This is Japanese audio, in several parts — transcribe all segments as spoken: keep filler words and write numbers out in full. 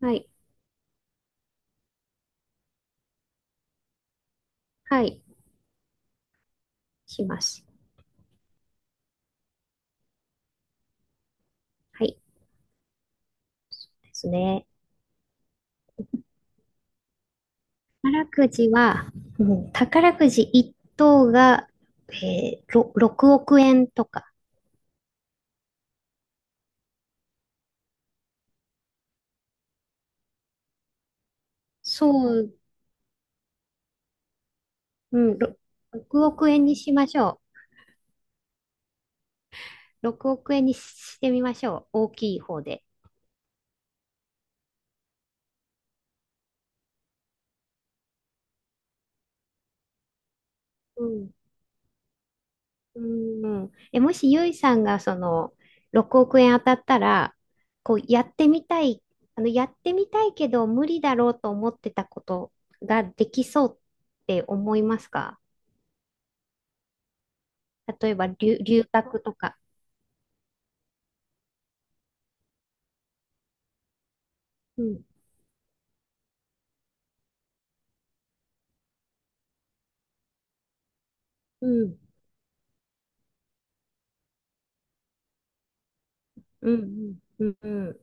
はい。はい。します。はい。ですね。宝くじは、うん、宝くじ一等が、えー、ろろくおく円とか。そう、うん、ろろくおく円にしましょう。ろくおく円にしてみましょう。大きい方で。うん。うん。え、もしゆいさんがそのろくおく円当たったら、こうやってみたい、あの、やってみたいけど無理だろうと思ってたことができそうって思いますか？例えば留、留学とか。うん、うん、うん、うん、うん、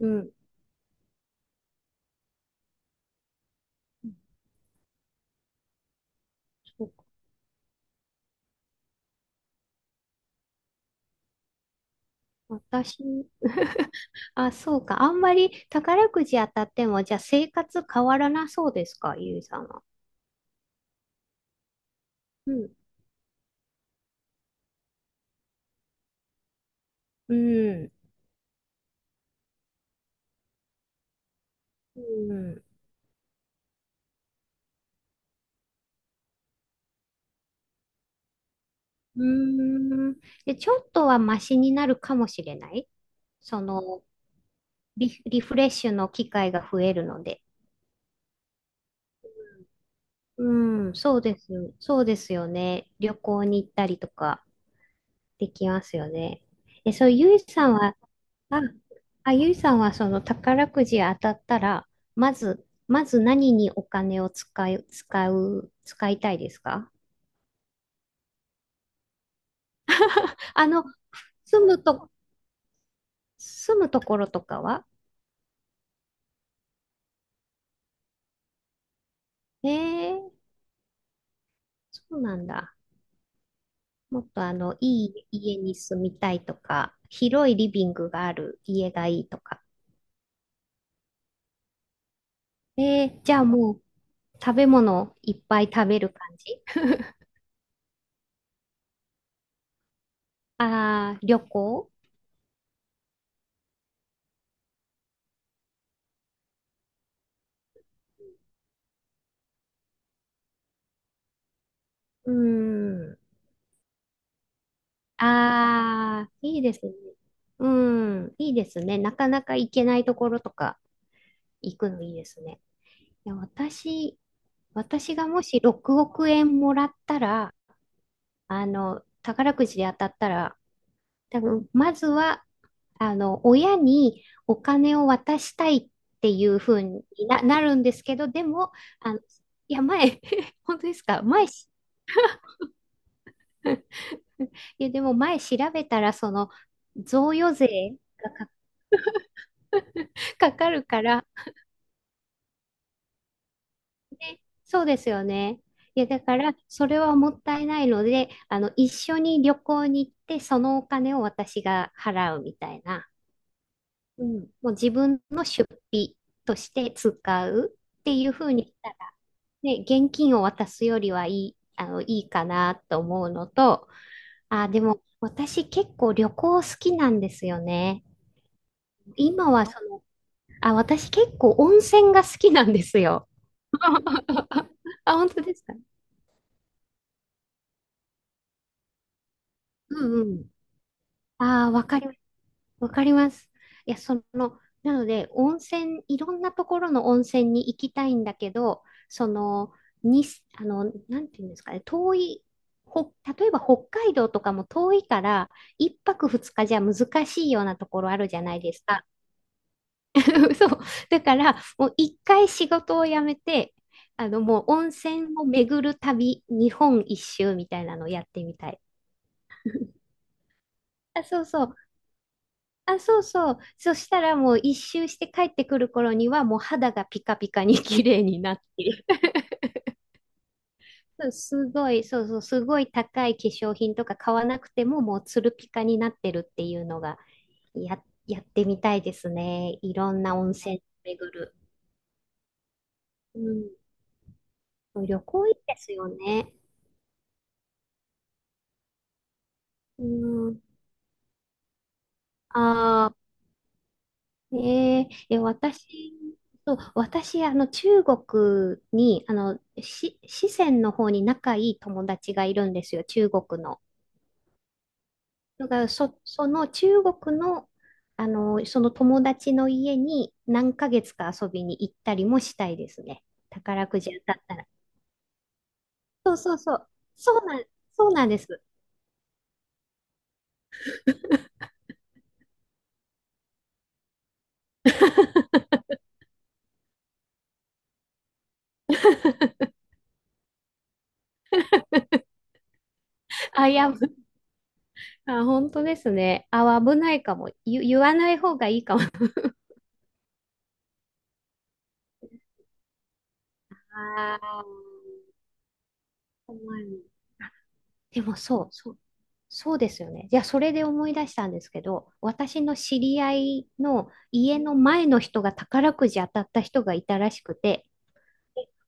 うん。うん、そうか。私、あ、そうか。あんまり宝くじ当たっても、じゃあ生活変わらなそうですか、ゆいさんは。うん、うん、うん、うーん。で、ちょっとはマシになるかもしれない。その、リ、リフレッシュの機会が増えるので。うん、そうです。そうですよね。旅行に行ったりとか。できますよね。え、そう、ゆいさんは、あ、あ、ゆいさんはその宝くじ当たったら、まず、まず何にお金を使い、使う、使いたいですか？あの、住むと、住むところとかは？ええ、そうなんだ。もっとあの、いい家に住みたいとか、広いリビングがある家がいいとか。えー、じゃあもう、食べ物いっぱい食べる感じ？ああー、旅行？うーん。ああ、いいですね。うん、いいですね。なかなか行けないところとか行くのいいですね。いや、私、私がもしろくおく円もらったら、あの、宝くじで当たったら、多分、まずは、あの、親にお金を渡したいっていうふうにな、なるんですけど、でも、あの、いや、前、本当ですか？前し、いや、でも前調べたら、その、贈与税 かかるから、ね、そうですよね。いや、だから、それはもったいないので、あの、一緒に旅行に行って、そのお金を私が払うみたいな。うん。もう自分の出費として使うっていうふうにしたら、ね、現金を渡すよりはいい、あの、いいかなと思うのと、あ、でも、私結構旅行好きなんですよね。今はその、あ、私結構温泉が好きなんですよ。あ、本当ですか？うんうん。ああ、わかります。わかります。いや、その、なので、温泉、いろんなところの温泉に行きたいんだけど、その、に、あの、なんていうんですかね、遠い、ほ、例えば北海道とかも遠いから、いっぱくふつかじゃ難しいようなところあるじゃないですか。そう。だから、もういっかい仕事を辞めて、あの、もう温泉を巡る旅、日本一周みたいなのをやってみたい。あ、そうそう。あ、そうそう。そしたらもう一周して帰ってくる頃にはもう肌がピカピカに綺麗になっている。そうすごい、そうそう、すごい高い化粧品とか買わなくてももうツルピカになってるっていうのがや、やってみたいですね。いろんな温泉巡る。うん、旅行いいですよね。うん、ああ。えええ、私、そう、私、あの、中国に、あの、し、四川の方に仲いい友達がいるんですよ、中国の。だから、そ、その中国の、あの、その友達の家になんかげつか遊びに行ったりもしたいですね。宝くじ当たったら。そうそうそう。そうなん、そうなんです。あ、いや、あ、本当ですね。あ、危ないかも。言、言わない方がいいかも。ああ、怖い。でもそう、そう、そうですよね。じゃあ、それで思い出したんですけど、私の知り合いの家の前の人が宝くじ当たった人がいたらしくて、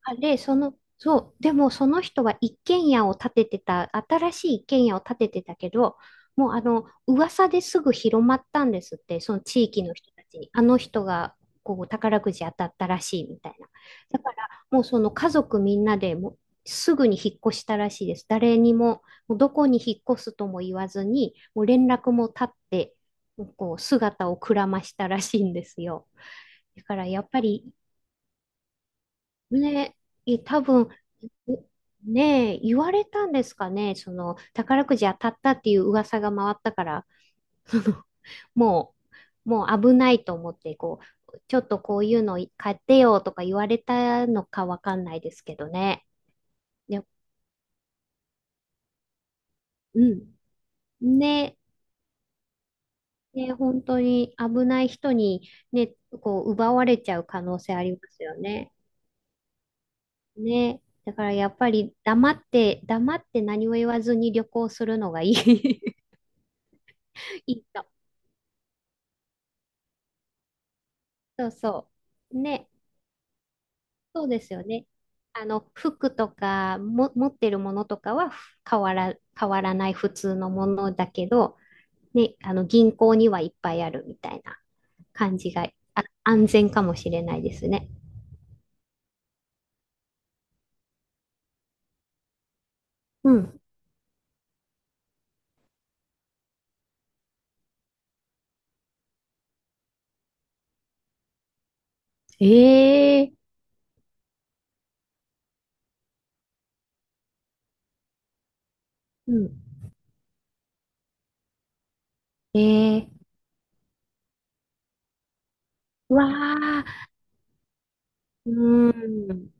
あで、その、そう、でもその人は一軒家を建ててた、新しい一軒家を建ててたけど、もうあの、噂ですぐ広まったんですって、その地域の人たちに。あの人が、こう、宝くじ当たったらしいみたいな。だから、もうその家族みんなでもう、すぐに引っ越したらしいです。誰にも、もうどこに引っ越すとも言わずに、もう連絡も絶って、こう、姿をくらましたらしいんですよ。だから、やっぱり、ね、え多分ねえ、言われたんですかね、その宝くじ当たったっていう噂が回ったから、そのもう、もう危ないと思って、こう、ちょっとこういうの買ってよとか言われたのかわかんないですけどね。で、うん。ね、ね、本当に危ない人にね、こう奪われちゃう可能性ありますよね。ね。だからやっぱり黙って、黙って何も言わずに旅行するのがいい。いいと。そうそう。ね。そうですよね。あの、服とかも、持ってるものとかは変わら、変わらない普通のものだけど、ね、あの、銀行にはいっぱいあるみたいな感じが、あ、安全かもしれないですね。うん。ええ、うん。ええ、わあ、うん。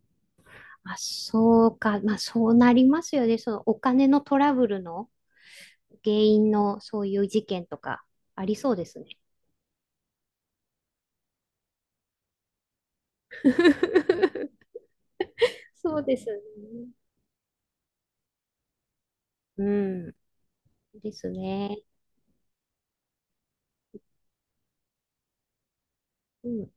あ、そうか。まあ、そうなりますよね。そのお金のトラブルの原因のそういう事件とかありそうですね。そうですね。うん。ですね。うん。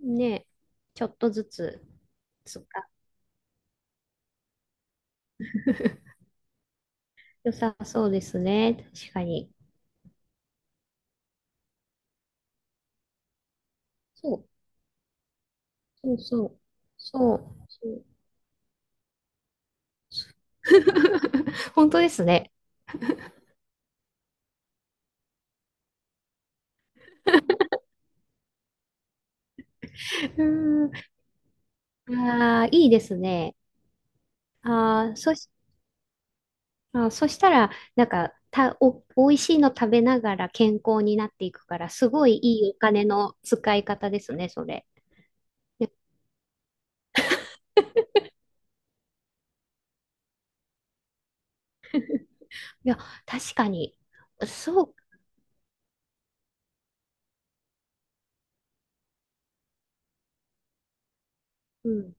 ね。ちょっとずつ、そっか。良さそうですね。確かに。そう。そうそう。そう。そうそう 本当ですね。うーん。あーいいですね。あーそし、あー、そしたら、なんか、た、お、美味しいの食べながら健康になっていくから、すごいいいお金の使い方ですね、それ。いや、いや確かに。そう、うん。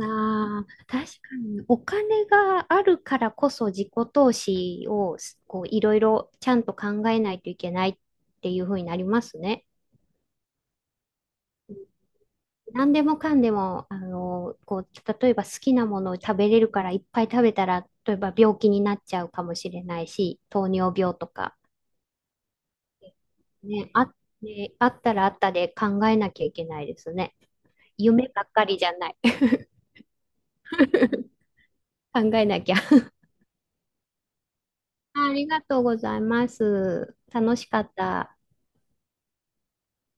ああ、確かに、お金があるからこそ自己投資をすこういろいろちゃんと考えないといけないっていう風になりますね。何でもかんでも、あの、こう、例えば好きなものを食べれるからいっぱい食べたら、例えば病気になっちゃうかもしれないし、糖尿病とか、ね、あ、ね、あったらあったで考えなきゃいけないですね。夢ばっかりじゃない。考えなきゃ。ありがとうございます。楽しかった。